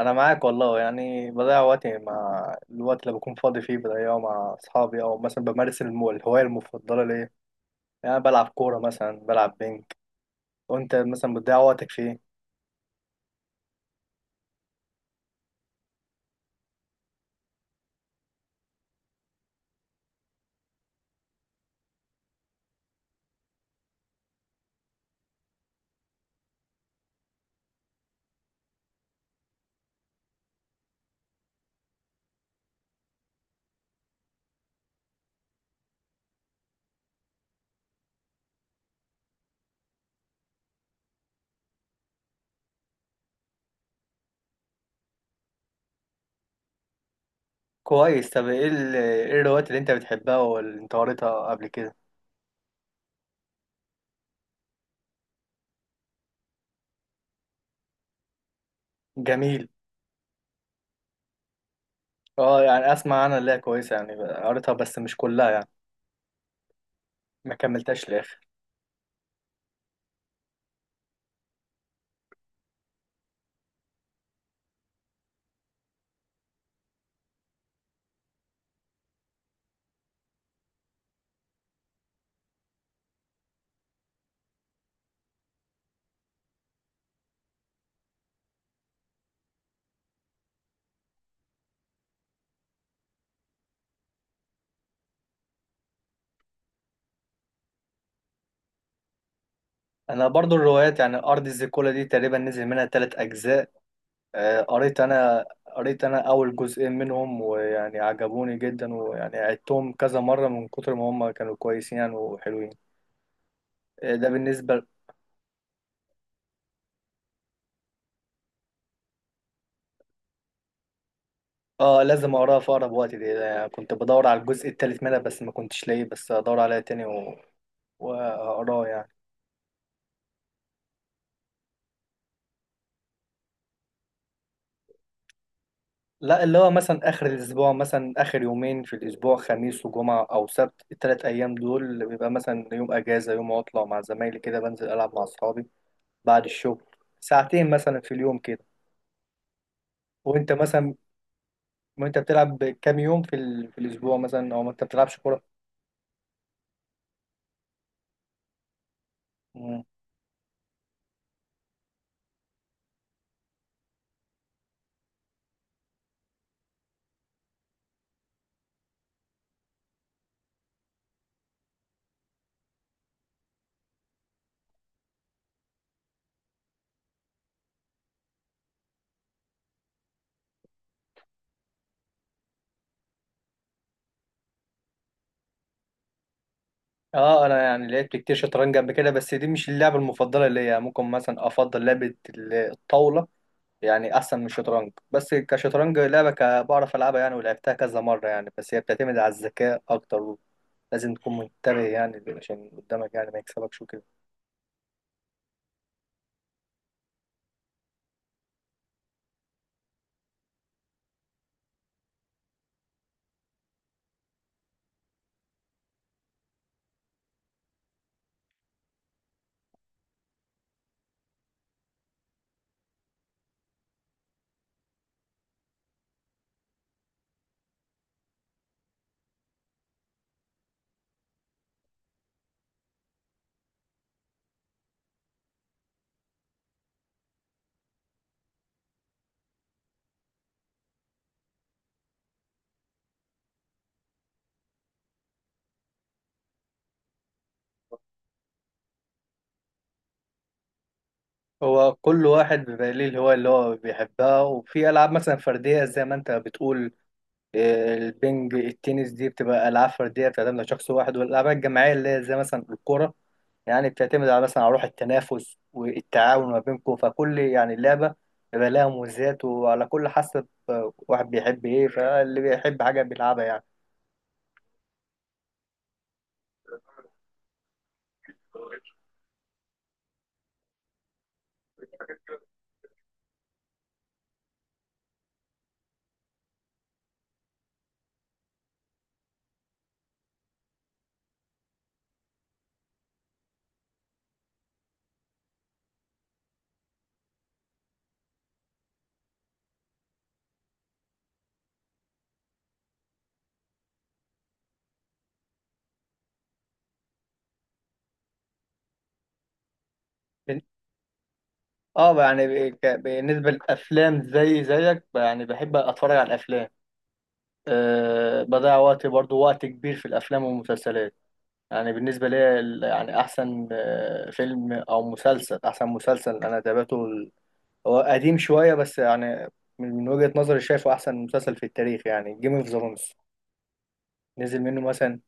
انا معاك والله، يعني بضيع وقتي مع الوقت اللي بكون فاضي فيه بضيعه مع اصحابي او مثلا بمارس الهوايه المفضله ليا. يعني أنا بلعب كوره، مثلا بلعب بينج. وانت مثلا بتضيع وقتك في ايه؟ كويس. طب ايه الروايات اللي انت بتحبها واللي انت قريتها قبل كده؟ جميل. اه يعني اسمع عنها، اللي هي كويسه، يعني قريتها بس مش كلها يعني، ما كملتهاش للاخر. انا برضو الروايات. يعني ارض الزيكولا دي تقريبا نزل منها ثلاث اجزاء. آه، قريت انا قريت انا اول جزئين منهم، ويعني عجبوني جدا، ويعني عدتهم كذا مرة من كتر ما هم كانوا كويسين يعني وحلوين. ده بالنسبة. اه لازم اقراها في اقرب وقت دي، يعني كنت بدور على الجزء التالت منها بس ما كنتش لاقيه، بس ادور عليها تاني واقراه يعني. لا، اللي هو مثلا اخر الاسبوع، مثلا اخر يومين في الاسبوع، خميس وجمعة او سبت، التلات ايام دول بيبقى مثلا يوم اجازة يوم عطلة، مع زمايلي كده بنزل العب مع اصحابي بعد الشغل ساعتين مثلا في اليوم كده. وانت مثلا وانت بتلعب كام يوم في الاسبوع مثلا، او ما انت بتلعبش كوره؟ مم. اه انا يعني لعبت كتير شطرنج قبل كده، بس دي مش اللعبه المفضله ليا. يعني ممكن مثلا افضل لعبه الطاوله، يعني احسن من الشطرنج. بس كشطرنج لعبه، بعرف العبها يعني ولعبتها كذا مره يعني. بس هي بتعتمد على الذكاء اكتر، لازم تكون منتبه يعني عشان اللي قدامك يعني ما يكسبكش وكده. هو كل واحد بيبقى ليه الهوايه اللي هو بيحبها، وفي العاب مثلا فرديه زي ما انت بتقول، البنج التنس دي بتبقى العاب فرديه بتعتمد على شخص واحد، والالعاب الجماعيه اللي هي زي مثلا الكوره يعني بتعتمد على مثلا على روح التنافس والتعاون ما بينكم. فكل يعني لعبه بيبقى لها مميزات، وعلى كل حسب واحد بيحب ايه، فاللي بيحب حاجه بيلعبها يعني. بن- اه يعني بالنسبه للافلام، زي زيك يعني بحب اتفرج على الافلام. أه بضيع وقتي برضو وقت كبير في الافلام والمسلسلات. يعني بالنسبة لي يعني أحسن فيلم أو مسلسل، أحسن مسلسل أنا تابعته، هو قديم شوية بس يعني من وجهة نظري شايفه أحسن مسلسل في التاريخ، يعني جيم اوف ثرونز. نزل منه مثلا.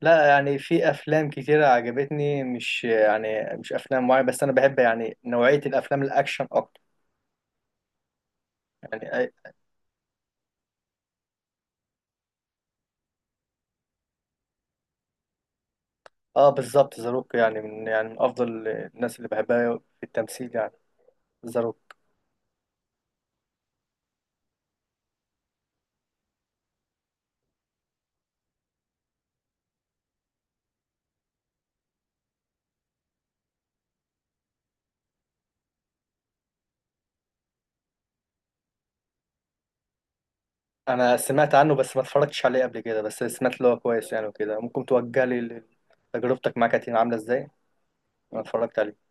لا يعني في أفلام كتيرة عجبتني، مش يعني مش أفلام معينة، بس أنا بحب يعني نوعية الأفلام الأكشن أكتر. يعني بالظبط، ذا روك يعني من أفضل الناس اللي بحبها في التمثيل يعني، ذا روك. انا سمعت عنه بس ما اتفرجتش عليه قبل كده، بس سمعت اللي هو كويس يعني وكده. ممكن توجه لي، تجربتك معاه كانت عامله ازاي؟ انا اتفرجت عليه.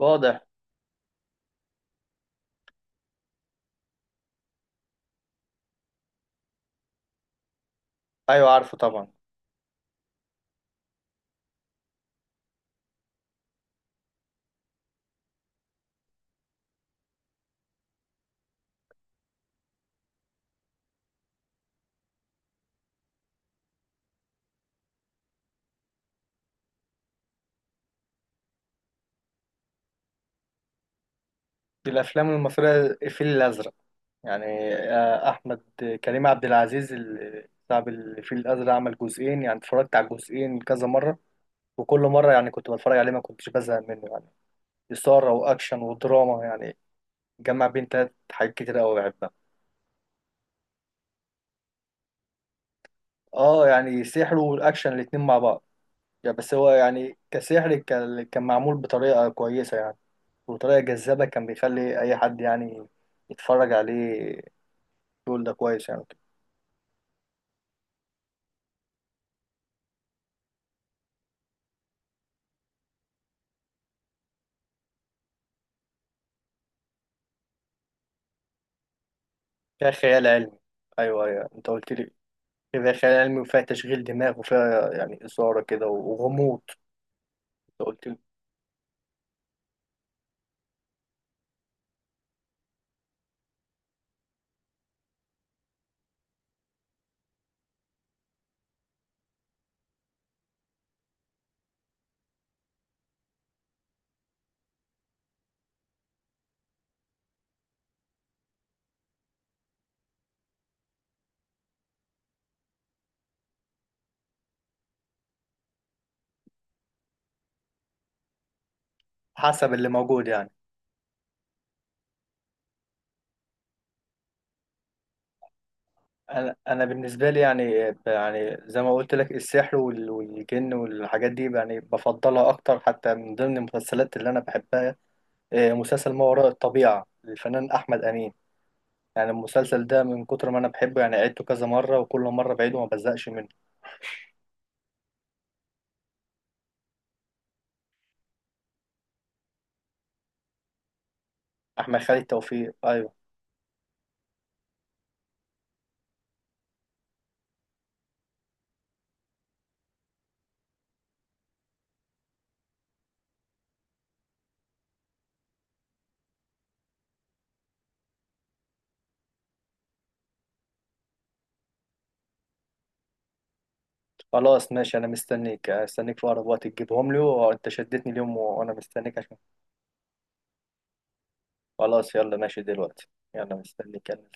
واضح. ايوه عارفه طبعا. في الافلام المصريه الفيل الازرق. يعني احمد كريم عبد العزيز صاحب الفيل الازرق عمل جزئين. يعني اتفرجت على الجزئين كذا مره، وكل مره يعني كنت بتفرج عليه ما كنتش بزهق منه يعني. اثاره واكشن ودراما، يعني جمع بين تلات حاجات كتير قوي بحبها. اه يعني سحر والاكشن الاتنين مع بعض يعني. بس هو يعني كسحر كان معمول بطريقة كويسة يعني، وطريقة جذابة كان بيخلي أي حد يعني يتفرج عليه يقول ده كويس يعني. فيها خيال علمي. أيوه أيوه، أنت قلت لي، فيها خيال علمي وفيها تشغيل دماغ وفيها يعني إثارة كده وغموض. أنت قلت لي. حسب اللي موجود يعني. أنا بالنسبة لي يعني، يعني زي ما قلت لك السحر والجن والحاجات دي يعني بفضلها أكتر، حتى من ضمن المسلسلات اللي أنا بحبها مسلسل ما وراء الطبيعة للفنان أحمد أمين. يعني المسلسل ده من كتر ما انا بحبه يعني عدته كذا مره، وكل مره بعيده وما بزهقش منه. احمد خالد توفيق، ايوه. خلاص ماشي، انا مستنيك، استنيك في اقرب وقت تجيبهم لي، وانت شدتني اليوم وانا مستنيك عشان. خلاص يلا ماشي دلوقتي. يلا مستنيك، يلا.